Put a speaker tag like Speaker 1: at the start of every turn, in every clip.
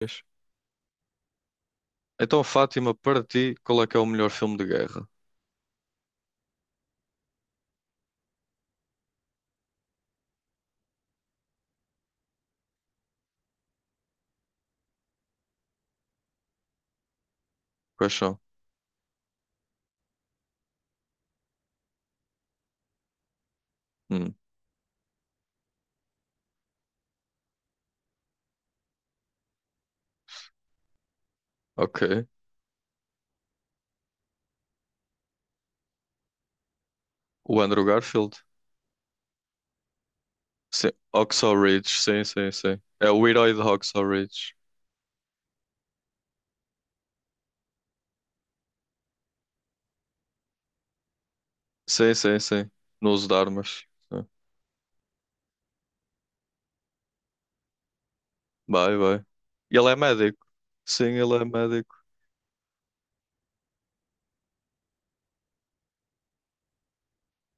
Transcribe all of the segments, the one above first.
Speaker 1: Vês? Então, Fátima, para ti, qual é que é o melhor filme de guerra? Quais são? Hum, ok. O Andrew Garfield? Sim. Hacksaw Ridge, sim, sim, sim. É o herói de Hacksaw Ridge. Sim, sim, sim. No uso de armas. Sim. Vai, vai. Ele é médico. Sim, ele é médico.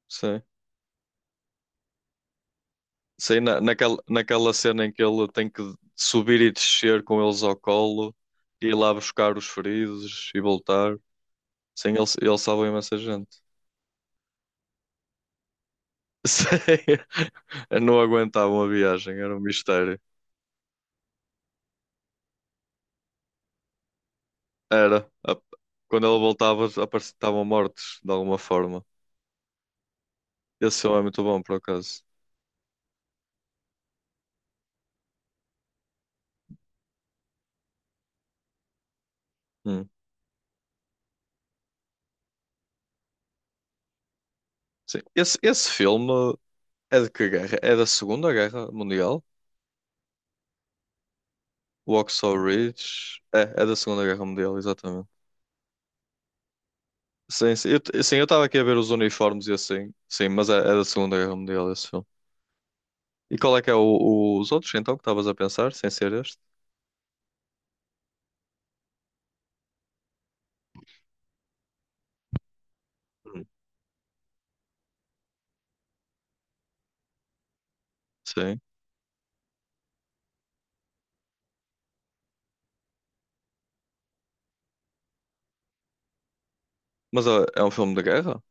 Speaker 1: Sim. Sim, naquela cena em que ele tem que subir e descer com eles ao colo, e ir lá buscar os feridos e voltar. Sim, ele salva imensa gente. Sei. Não aguentavam a viagem, era um mistério. Era. Quando ela voltava, estavam mortos, de alguma forma. Esse filme é muito bom, por acaso. Hum, sim. Esse filme é de que guerra? É da Segunda Guerra Mundial? Waxhaw Ridge? É da Segunda Guerra Mundial, exatamente. Sim, sim. Sim, eu estava aqui a ver os uniformes e assim. Sim, mas é da Segunda Guerra Mundial esse filme. E qual é que é os outros, então, que estavas a pensar, sem ser este? Hum. Sim. Mas é um filme de guerra?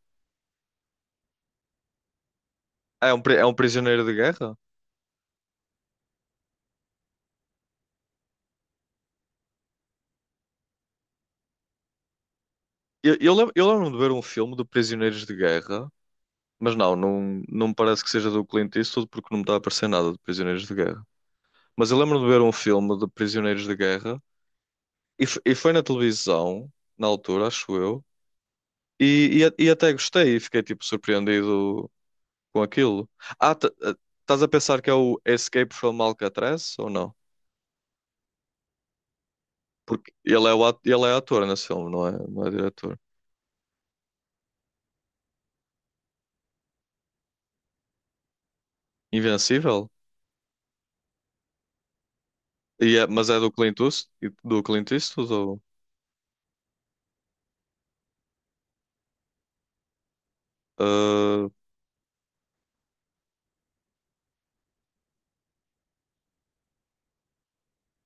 Speaker 1: Ah, é um prisioneiro de guerra? Eu lembro-me de ver um filme de prisioneiros de guerra, mas não me parece que seja do Clint Eastwood porque não me está a aparecer nada de prisioneiros de guerra. Mas eu lembro-me de ver um filme de prisioneiros de guerra e foi na televisão, na altura, acho eu, e até gostei e fiquei tipo surpreendido com aquilo. Ah, estás a pensar que é o Escape from Alcatraz ou não? Porque ele é ator nesse filme, não é, não é diretor. Invencível? E mas é do Clint Eastwood. Ah,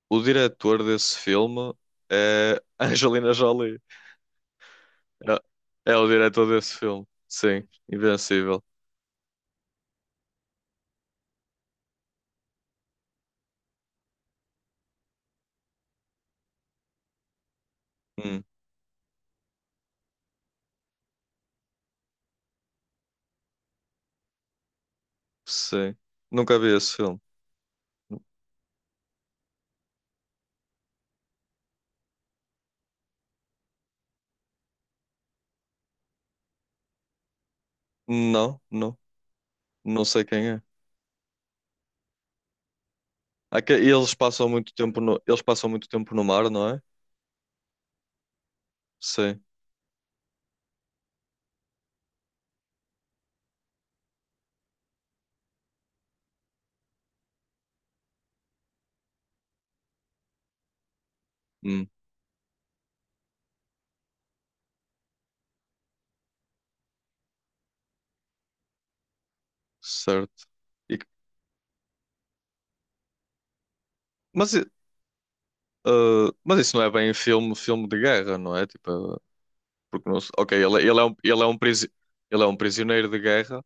Speaker 1: o diretor desse filme é Angelina Jolie. É o diretor desse filme. Sim, Invencível. Hum, sim. Nunca vi esse filme. Não, não, não sei quem é. Ah, que e eles passam muito tempo no, eles passam muito tempo no mar, não é? Sim. Hum, certo. E que- mas, i- mas isso não é bem filme, filme de guerra, não é? Tipo, porque não, ok, ele é um prisioneiro de guerra,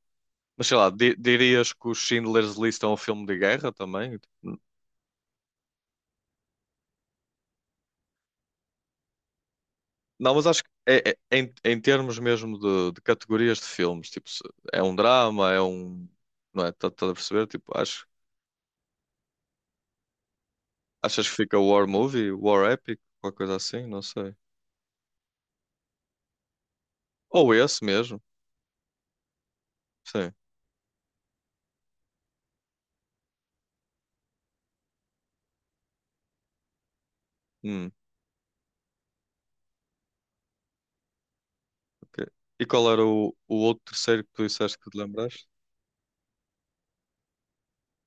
Speaker 1: mas sei lá, dirias que o Schindler's List é um filme de guerra também? Não, mas acho que em termos mesmo de categorias de filmes, tipo, se é um drama, é um. Não é? Estás a perceber? Tipo, acho, achas que fica War Movie, War Epic, qualquer coisa assim? Não sei. Ou esse mesmo, sim. Hum, ok. E qual era o outro terceiro que tu disseste que te lembraste?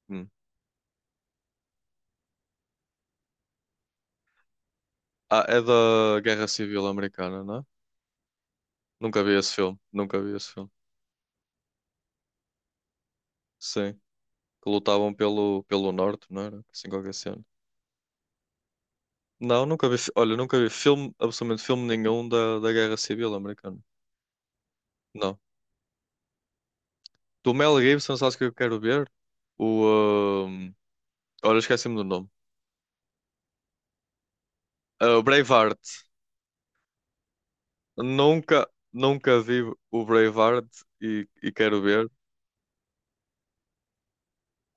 Speaker 1: Hum. Ah, é da Guerra Civil Americana, não é? Nunca vi esse filme, nunca vi esse filme. Sim, que lutavam pelo norte, não era? Assim qualquer cena. Não, nunca vi, olha, nunca vi filme, absolutamente filme nenhum da Guerra Civil Americana. Não. Do Mel Gibson, sabes o que eu quero ver? O, ahm, olha, esqueci-me do nome. Ah, o Braveheart. Nunca vi o Braveheart e quero ver.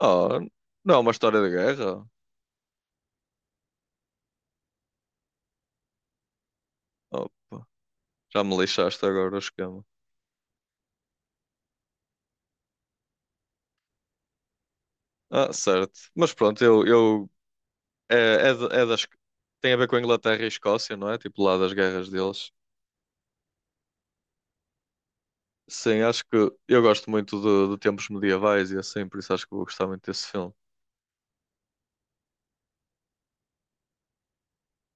Speaker 1: Ah, não é uma história de guerra? Opa, já me lixaste agora o esquema. Ah, certo. Mas pronto, eu É, é, de- é das, tem a ver com a Inglaterra e Escócia, não é? Tipo lá das guerras deles. Sim, acho que eu gosto muito de tempos medievais e assim, por isso acho que vou gostar muito desse filme.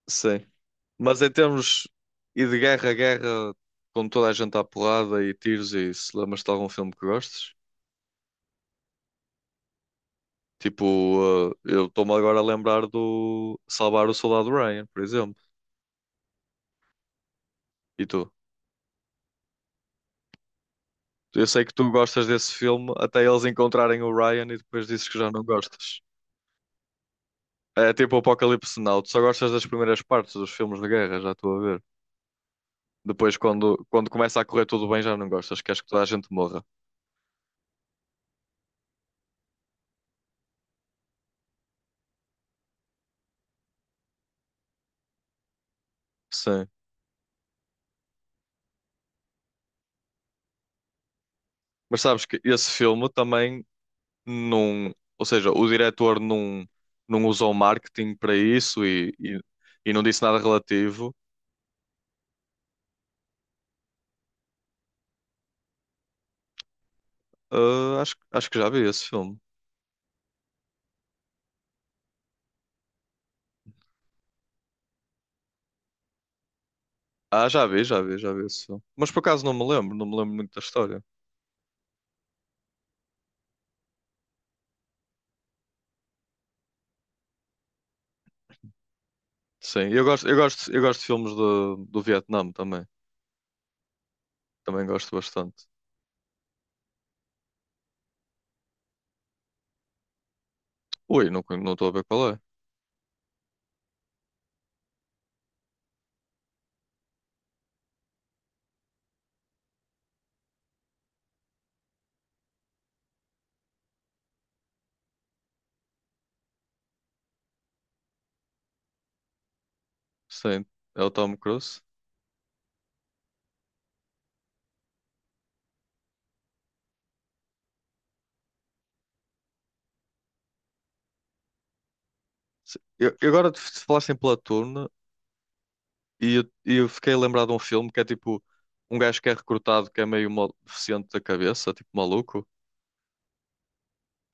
Speaker 1: Sim. Mas em termos e de guerra a guerra, com toda a gente à porrada e tiros e isso, lembras-te de algum filme que gostes? Tipo, eu estou-me agora a lembrar do Salvar o Soldado Ryan, por exemplo. E tu? Eu sei que tu gostas desse filme até eles encontrarem o Ryan e depois dizes que já não gostas. É tipo o Apocalipse Now. Tu só gostas das primeiras partes dos filmes de guerra, já estou a ver. Depois, quando começa a correr tudo bem, já não gostas. Queres que toda a gente morra. Sim. Mas sabes que esse filme também não. Ou seja, o diretor não usou marketing para isso e não disse nada relativo. Ah, acho que já vi esse filme. Ah, já vi, já vi, já vi esse filme. Mas por acaso não me lembro, não me lembro muito da história. Sim, eu gosto, eu gosto, eu gosto de filmes do Vietnã também. Também gosto bastante. Ui, não estou a ver qual é. Sim, é o Tom Cruise. Sim. Eu agora, se falassem pela turno, e eu fiquei lembrado de um filme que é tipo um gajo que é recrutado, que é meio deficiente da cabeça, tipo maluco,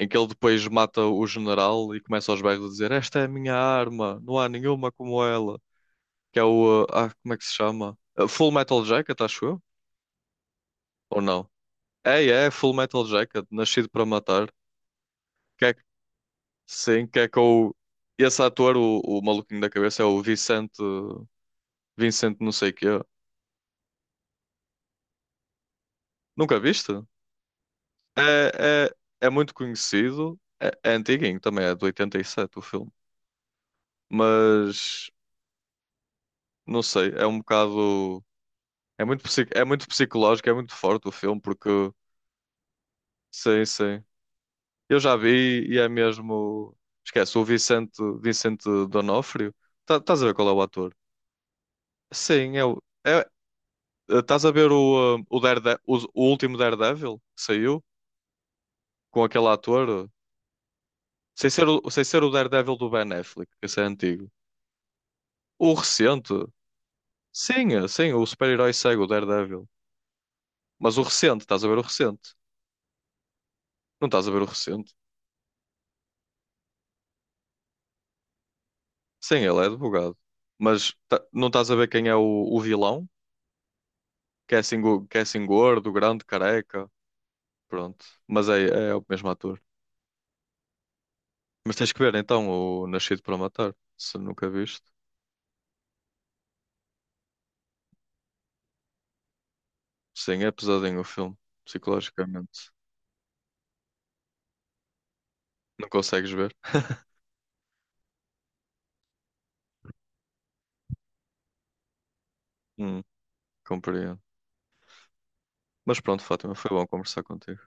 Speaker 1: em que ele depois mata o general e começa aos berros a dizer: Esta é a minha arma, não há nenhuma como ela. Que é o. Ah, como é que se chama? Full Metal Jacket, acho eu? Ou não? É Full Metal Jacket, Nascido para Matar. Sim, que é com o... Esse ator, o maluquinho da cabeça, é o Vicente... Vicente não sei quê. Nunca viste? É, é muito conhecido. É antiguinho também, é de 87 o filme. Mas, não sei, é um bocado... É muito psicológico, é muito forte o filme, porque... Sim, sim. Eu já vi e é mesmo... Esquece, o Vicente, Vicente D'Onofrio. Estás a ver qual é o ator? Sim, é, estás a ver o, eh, o, Darede- o último Daredevil que saiu com aquele ator? Sem ser o Daredevil do Ben Affleck, que esse é antigo. O recente, sim, sim, o super-herói segue o Daredevil. Mas o recente, estás a ver o recente? Não estás a ver o recente? Sim, ele é advogado. Mas não estás a ver quem é o vilão? Que é assim gordo, grande, careca. Pronto. Mas é o mesmo ator. Mas tens que ver então o Nascido para Matar, se nunca viste. Sim, é pesadinho o filme, psicologicamente. Não consegues ver? Hum, Compreendo. Mas pronto, Fátima, foi bom conversar contigo.